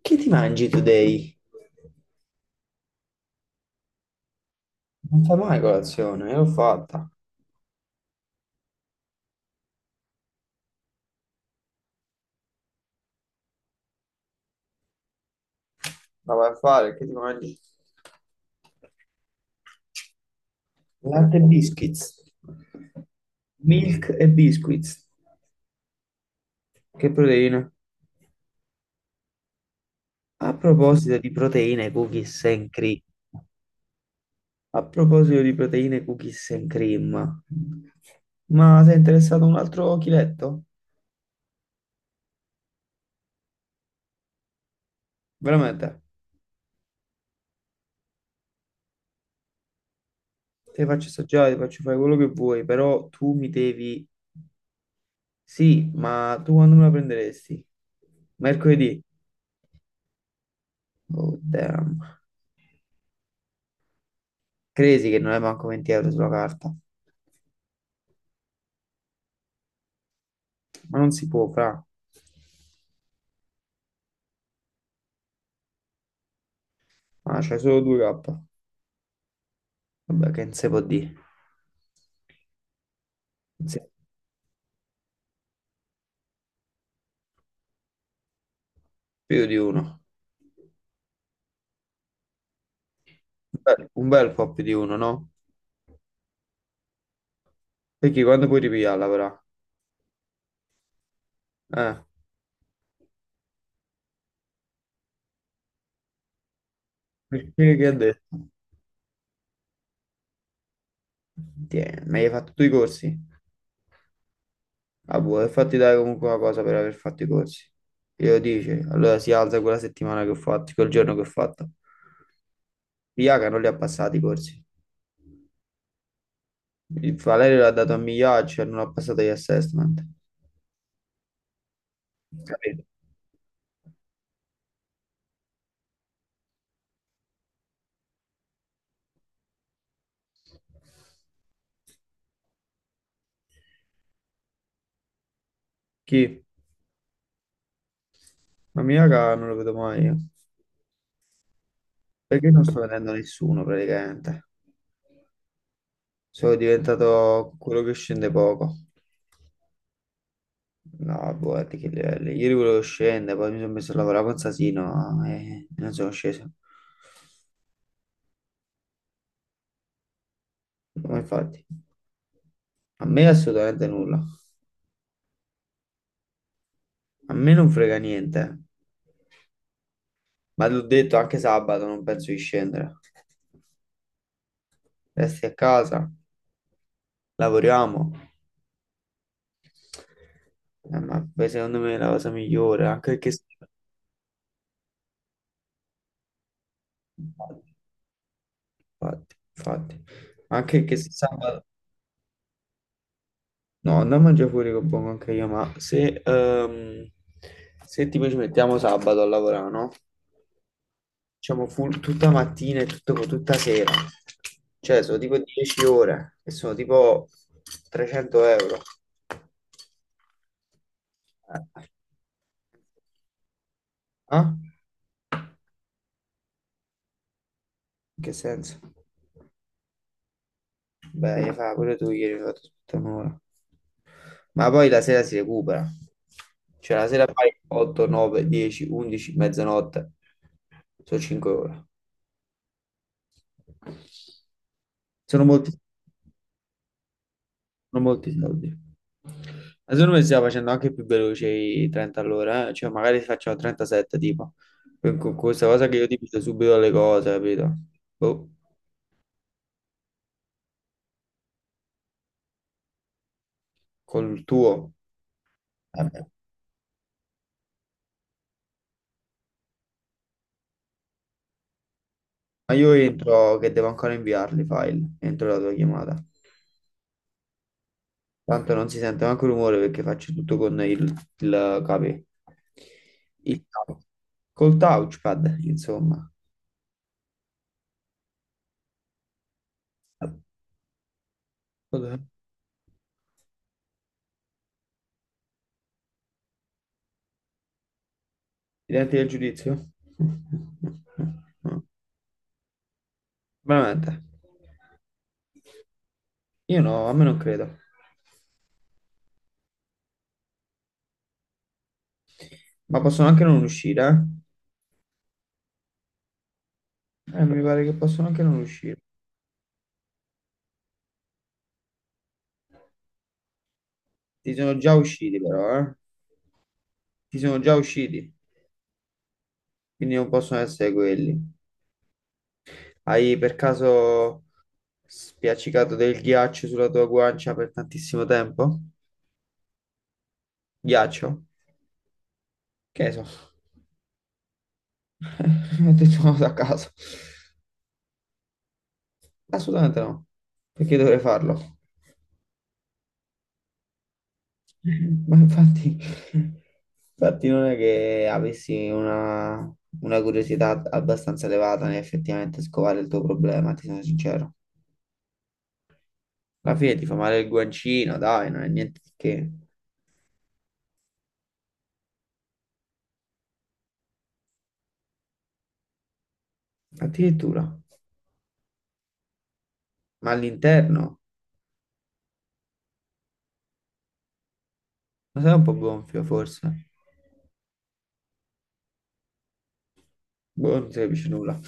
Che ti mangi today? Non fai mai colazione, l'ho fatta. La vai a fare, che ti mangi? Latte e biscuits. Milk e biscuits. Che proteine? A proposito di proteine, cookies and cream. A proposito di proteine, cookies and cream. Ma sei interessato a un altro chiletto? Veramente? Ti faccio assaggiare, ti faccio fare quello che vuoi, però tu mi devi... Sì, ma tu quando me la prenderesti? Mercoledì? Oh, damn. Credi che non è manco 20 euro sulla carta. Ma non si può, fra. Ma c'hai solo 2K. Vabbè, che non si può dire. Non si- Più di uno. Un bel po' più di uno, no? Perché quando puoi ripigliarla, però? Eh, perché che ha detto? Tieni, ma hai fatto tu i corsi? Ah, boh, e fatti dare comunque una cosa per aver fatto i corsi. Glielo dice, allora si alza quella settimana che ho fatto, quel giorno che ho fatto. Iaca non li ha passati i corsi. Il Valerio l'ha dato a Migliaccio e non ha passato gli assessment. Capito? Chi? La mia cara non lo vedo mai. Io. Perché non sto vedendo nessuno praticamente? Sono diventato quello che scende poco. No, boh, di che livelli. Ieri volevo scendere, poi mi sono messo a lavorare con Sasino e non sono sceso. Ma infatti, a me assolutamente nulla. A me non frega niente. Ma l'ho detto anche sabato, non penso di scendere. Resti a casa, lavoriamo. Ma poi secondo me è la cosa migliore, anche perché... Infatti, infatti. Anche che se sabato... No, non mangiare fuori con buon anche io, ma se, se tipo ci mettiamo sabato a lavorare, no? Diciamo full tutta mattina e tutta sera. Cioè, sono tipo 10 ore e sono tipo 300 euro. Eh, eh, ah? In che senso? Beh, hai fatto pure tu ieri, hai fatto tutta un'ora. Ma poi la sera si recupera. Cioè la sera fai 8, 9, 10, 11, mezzanotte. Sono 5 ore. Sono molti, sono molti soldi. Ma secondo me stiamo facendo anche più veloce i 30 all'ora, eh. Cioè magari facciamo 37 tipo. Con questa cosa che io ti divido subito le cose, capito? Boh, col tuo. Vabbè. Ma io entro che devo ancora inviarli i file entro la tua chiamata. Tanto non si sente neanche rumore perché faccio tutto con il capè. Il, tou- Col touchpad, insomma. Vabbè. I denti del giudizio? Veramente. Io no, a me non credo. Ma possono anche non uscire, eh? Mi pare che possono anche non uscire. Ti sono già usciti però, eh? Ti sono già usciti, quindi non possono essere quelli. Hai per caso spiaccicato del ghiaccio sulla tua guancia per tantissimo tempo? Ghiaccio? Che ne so? Ho detto una cosa a caso. Assolutamente no. Perché dovrei farlo? Ma infatti, infatti non è che avessi una curiosità abbastanza elevata nel effettivamente scovare il tuo problema, ti sono sincero. Alla fine ti fa male il guancino, dai, non è niente di che. Addirittura. Ma all'interno? Ma sei un po' gonfio, forse? Boh, non si capisce nulla.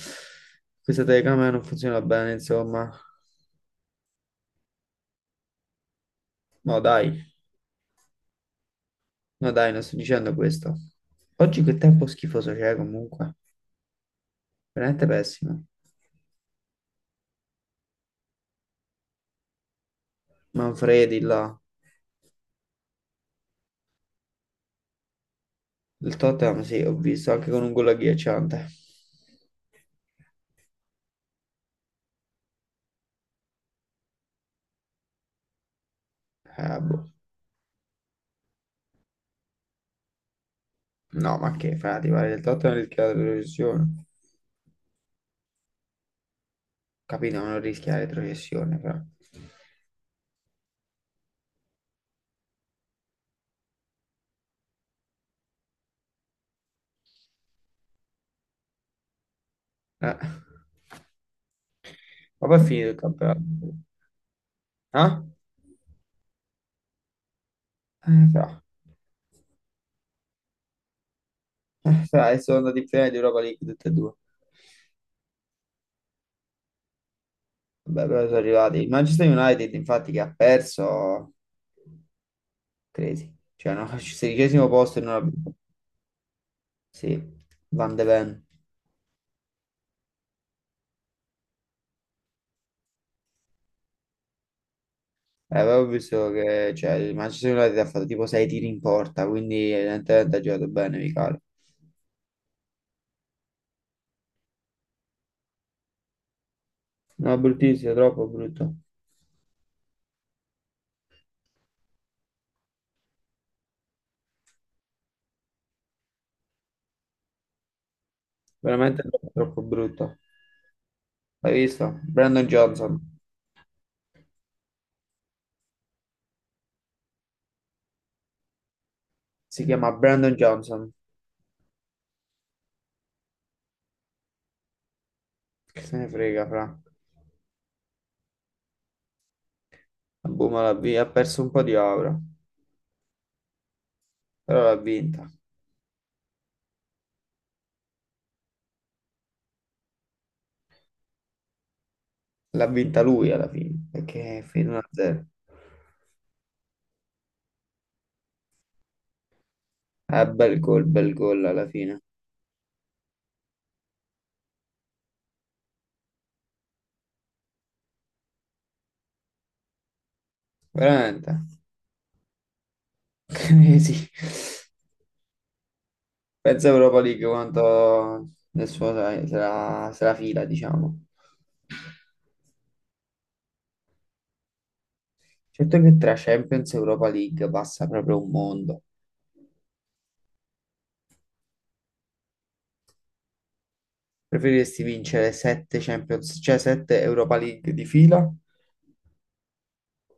Questa telecamera non funziona bene, insomma. No, dai. No dai, non sto dicendo questo. Oggi che tempo schifoso c'è comunque. Veramente pessimo. Manfredi là. Il Tottenham sì, ho visto anche con un gol agghiacciante. Boh. No, ma che frati, guarda, il Tottenham rischia la retrocessione. Capito, ma non rischia la retrocessione, fra. Eh. Ma poi è finito il campionato. Ah? Fra. Fra, e sono andati in finale di Europa League tutti e due. Vabbè, però sono arrivati. Il Manchester United, infatti, che ha perso. Crazy. Cioè, no, sedicesimo posto e non abbiamo... Sì, Van de Ven. Avevo visto che cioè, il Manchester United ha fatto tipo 6 tiri in porta, quindi evidentemente ha giocato bene, Michele. No, bruttissimo, troppo brutto. Veramente troppo, troppo brutto. L'hai visto? Brandon Johnson. Si chiama Brandon Johnson. Che se ne frega, fra. La Buma ha perso un po' di aura, però l'ha vinta. L'ha vinta lui alla fine, perché è finita 1-0. Bel gol alla fine. Veramente. Eh sì, pensa Europa League quanto nel suo se la fila, diciamo. Certo che tra Champions e Europa League passa proprio un mondo. Preferiresti vincere 7 Champions, cioè 7 Europa League di fila,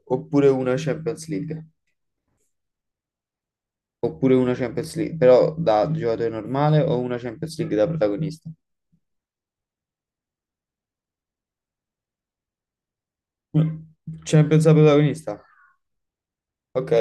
oppure una Champions League? Oppure una Champions League, però da giocatore normale o una Champions League da protagonista? Mm. Champions da protagonista? Ok.